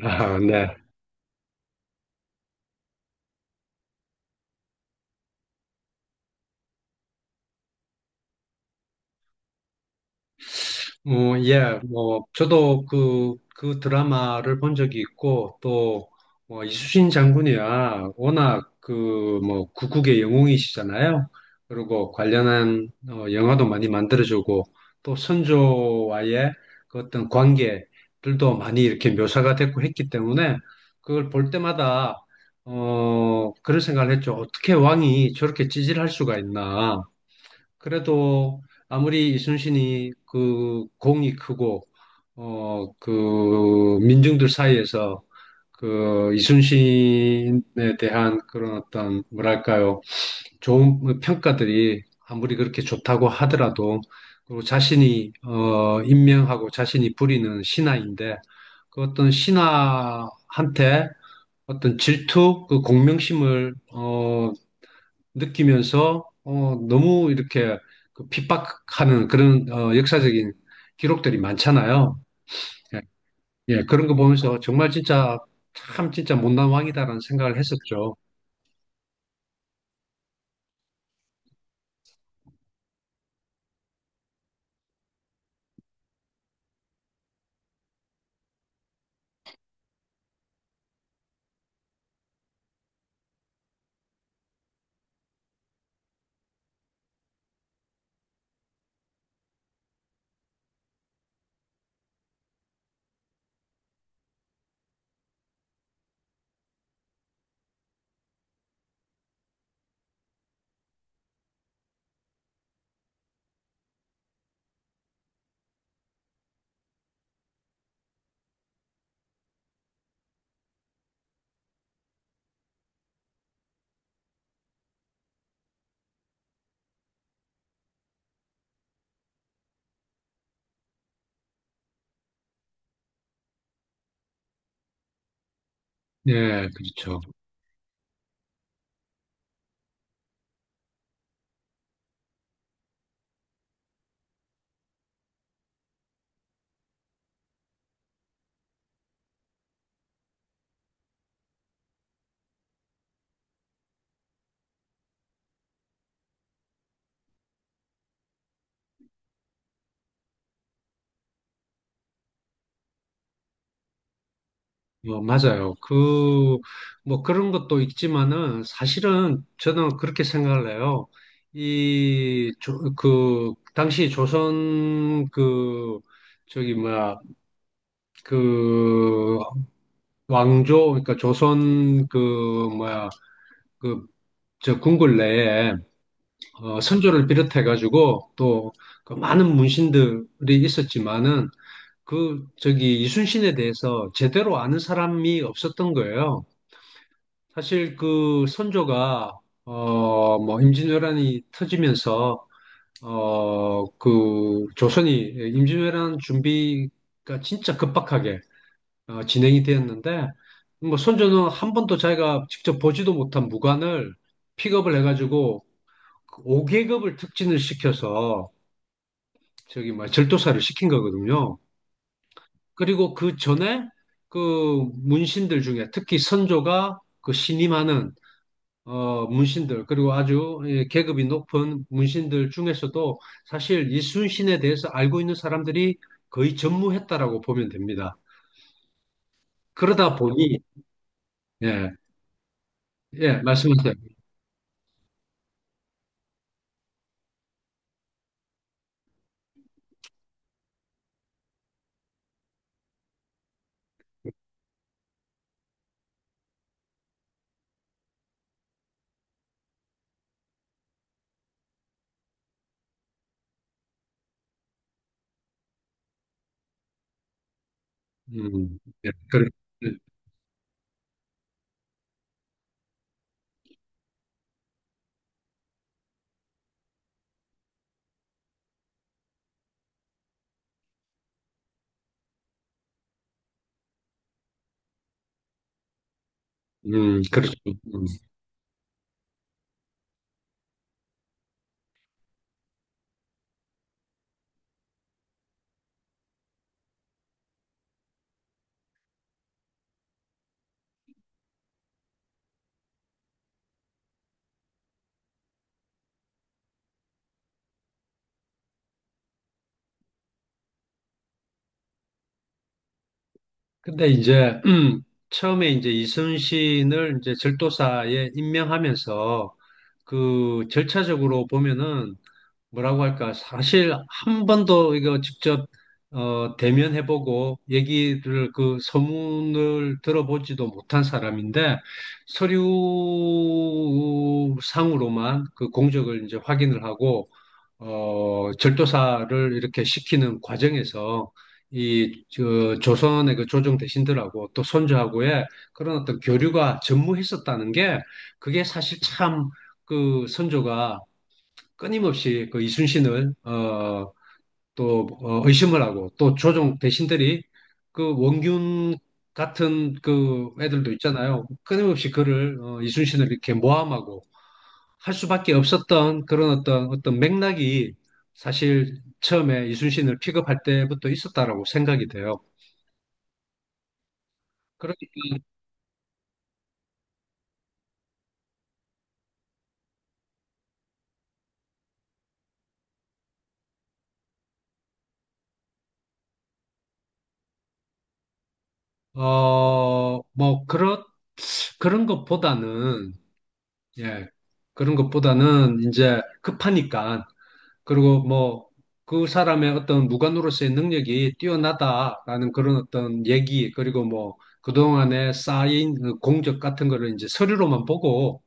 아, 네. 뭐 예, 뭐, 저도 그 드라마를 본 적이 있고, 또, 뭐, 이순신 장군이야, 워낙 그, 뭐, 구국의 영웅이시잖아요. 그리고 관련한 영화도 많이 만들어주고, 또 선조와의 그 어떤 관계들도 많이 이렇게 묘사가 됐고 했기 때문에, 그걸 볼 때마다, 그런 생각을 했죠. 어떻게 왕이 저렇게 찌질할 수가 있나. 그래도 아무리 이순신이 그 공이 크고 그 민중들 사이에서 그 이순신에 대한 그런 어떤 뭐랄까요, 좋은 평가들이 아무리 그렇게 좋다고 하더라도, 그리고 자신이 임명하고 자신이 부리는 신하인데 그 어떤 신하한테 어떤 질투, 그 공명심을 느끼면서, 너무 이렇게 그 핍박하는 그런 역사적인 기록들이 많잖아요. 예, 예, 그런 거 보면서 정말 진짜 참 진짜 못난 왕이다라는 생각을 했었죠. 예, 그렇죠. 어, 맞아요. 그, 뭐 그런 것도 있지만은 사실은 저는 그렇게 생각을 해요. 당시 조선 그, 저기 뭐야, 그 왕조, 그러니까 조선 그 뭐야 그 저 궁궐 내에, 선조를 비롯해가지고 또그 많은 문신들이 있었지만은 그 저기 이순신에 대해서 제대로 아는 사람이 없었던 거예요. 사실 그 선조가 뭐 임진왜란이 터지면서 그 조선이 임진왜란 준비가 진짜 급박하게 진행이 되었는데, 뭐 손주는 한 번도 자기가 직접 보지도 못한 무관을 픽업을 해가지고 5계급을 특진을 시켜서 저기 뭐 절도사를 시킨 거거든요. 그리고 그 전에 그 문신들 중에 특히 선조가 그 신임하는 문신들, 그리고 아주 예, 계급이 높은 문신들 중에서도 사실 이순신에 대해서 알고 있는 사람들이 거의 전무했다라고 보면 됩니다. 그러다 보니 예, 예, 말씀하세요. 음, 네, 그렇, 그렇죠. 음. 근데 이제, 처음에 이제 이순신을 이제 절도사에 임명하면서 그 절차적으로 보면은 뭐라고 할까? 사실 한 번도 이거 직접 대면해보고 얘기를 그 소문을 들어보지도 못한 사람인데, 서류상으로만 그 공적을 이제 확인을 하고 절도사를 이렇게 시키는 과정에서 이 저, 조선의 그 조정 대신들하고 또 선조하고의 그런 어떤 교류가 전무했었다는 게 그게 사실 참, 그 선조가 끊임없이 그 이순신을 또 의심을 하고, 또 조종 대신들이 그 원균 같은 그 애들도 있잖아요. 끊임없이 그를 이순신을 이렇게 모함하고 할 수밖에 없었던 그런 어떤 맥락이 사실 처음에 이순신을 픽업할 때부터 있었다라고 생각이 돼요. 그러, 어, 뭐 그렇 그런 것보다는 예 그런 것보다는 이제 급하니까. 그리고 뭐 그 사람의 어떤 무관으로서의 능력이 뛰어나다라는 그런 어떤 얘기, 그리고 뭐 그동안에 쌓인 그 공적 같은 거를 이제 서류로만 보고,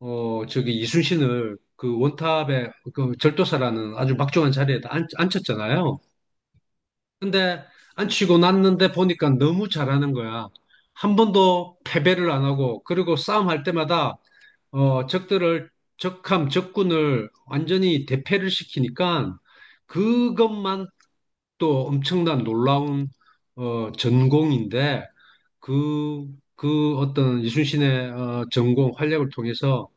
저기 이순신을 그 원탑의 그 절도사라는 아주 막중한 자리에다 앉혔잖아요. 근데 앉히고 났는데 보니까 너무 잘하는 거야. 한 번도 패배를 안 하고, 그리고 싸움할 때마다 적들을, 적함, 적군을 완전히 대패를 시키니까 그것만 또 엄청난 놀라운, 전공인데 그, 그 어떤 이순신의 전공 활약을 통해서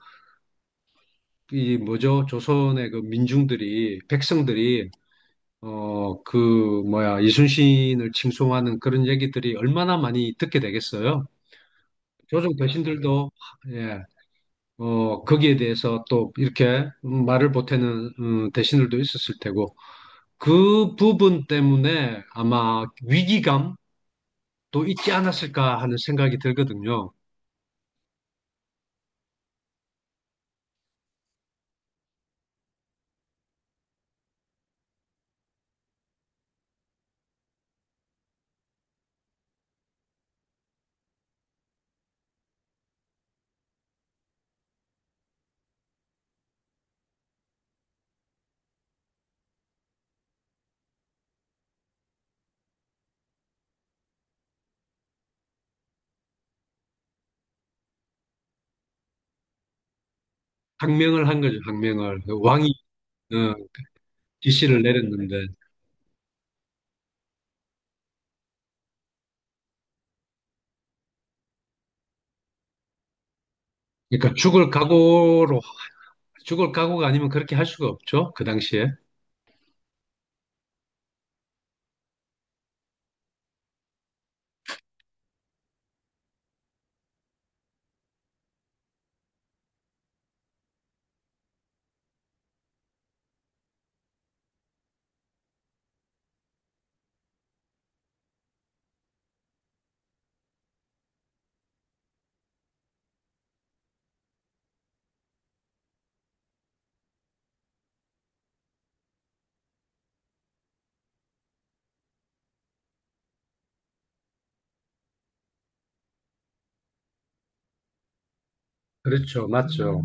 이 뭐죠? 조선의 그 민중들이, 백성들이, 그 뭐야, 이순신을 칭송하는 그런 얘기들이 얼마나 많이 듣게 되겠어요? 조선 대 배신들도 예, 거기에 대해서 또 이렇게 말을 보태는 대신들도 있었을 테고 그 부분 때문에 아마 위기감도 있지 않았을까 하는 생각이 들거든요. 항명을 한 거죠, 항명을. 그 왕이 어, 지시를 내렸는데. 그러니까 죽을 각오로, 죽을 각오가 아니면 그렇게 할 수가 없죠, 그 당시에. 그렇죠, 맞죠.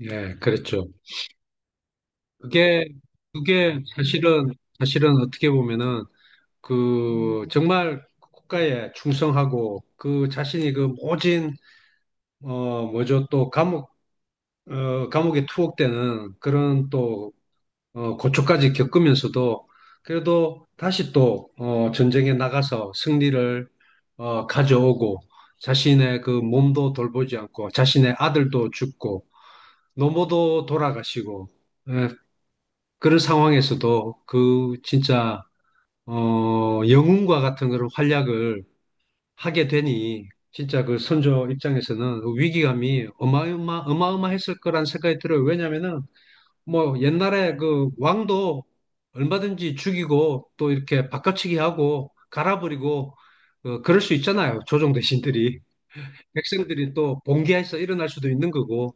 예, 그렇죠. 그게, 그게 사실은, 사실은 어떻게 보면은 그 정말 국가에 충성하고 그 자신이 그 모진 어 뭐죠 또 감옥 감옥에 투옥되는 그런 또 고초까지 겪으면서도 그래도 다시 또 전쟁에 나가서 승리를 가져오고 자신의 그 몸도 돌보지 않고 자신의 아들도 죽고 노모도 돌아가시고, 예, 그런 상황에서도 그 진짜 영웅과 같은 그런 활약을 하게 되니 진짜 그 선조 입장에서는 그 위기감이 어마어마했을 거란 생각이 들어요. 왜냐면은 뭐 옛날에 그 왕도 얼마든지 죽이고 또 이렇게 바꿔치기 하고 갈아버리고 그럴 수 있잖아요. 조정 대신들이, 백성들이 또 봉기해서 일어날 수도 있는 거고.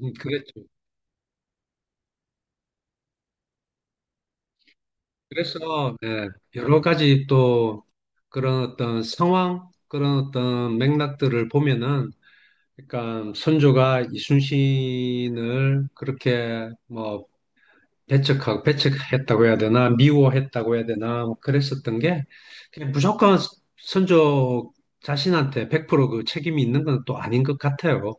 그랬죠. 그래서 네, 여러 가지 또 그런 어떤 상황, 그런 어떤 맥락들을 보면은, 그러니까 선조가 이순신을 그렇게 뭐 배척하고, 배척했다고 해야 되나 미워했다고 해야 되나 뭐 그랬었던 게 그냥 무조건 선조 자신한테 100%그 책임이 있는 건 또 아닌 것 같아요.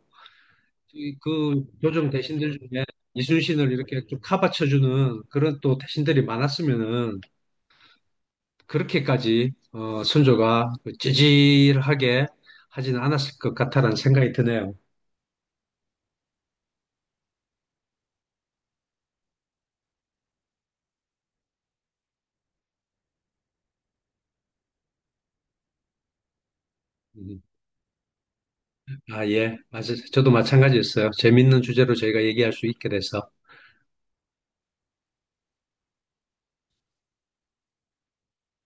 이그 조정 대신들 중에 이순신을 이렇게 좀 카바쳐주는 그런 또 대신들이 많았으면은 그렇게까지 선조가 그 찌질하게 하지는 않았을 것 같다라는 생각이 드네요. 음. 아, 예. 맞아요. 저도 마찬가지였어요. 재밌는 주제로 저희가 얘기할 수 있게 돼서.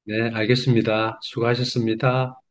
네, 알겠습니다. 수고하셨습니다.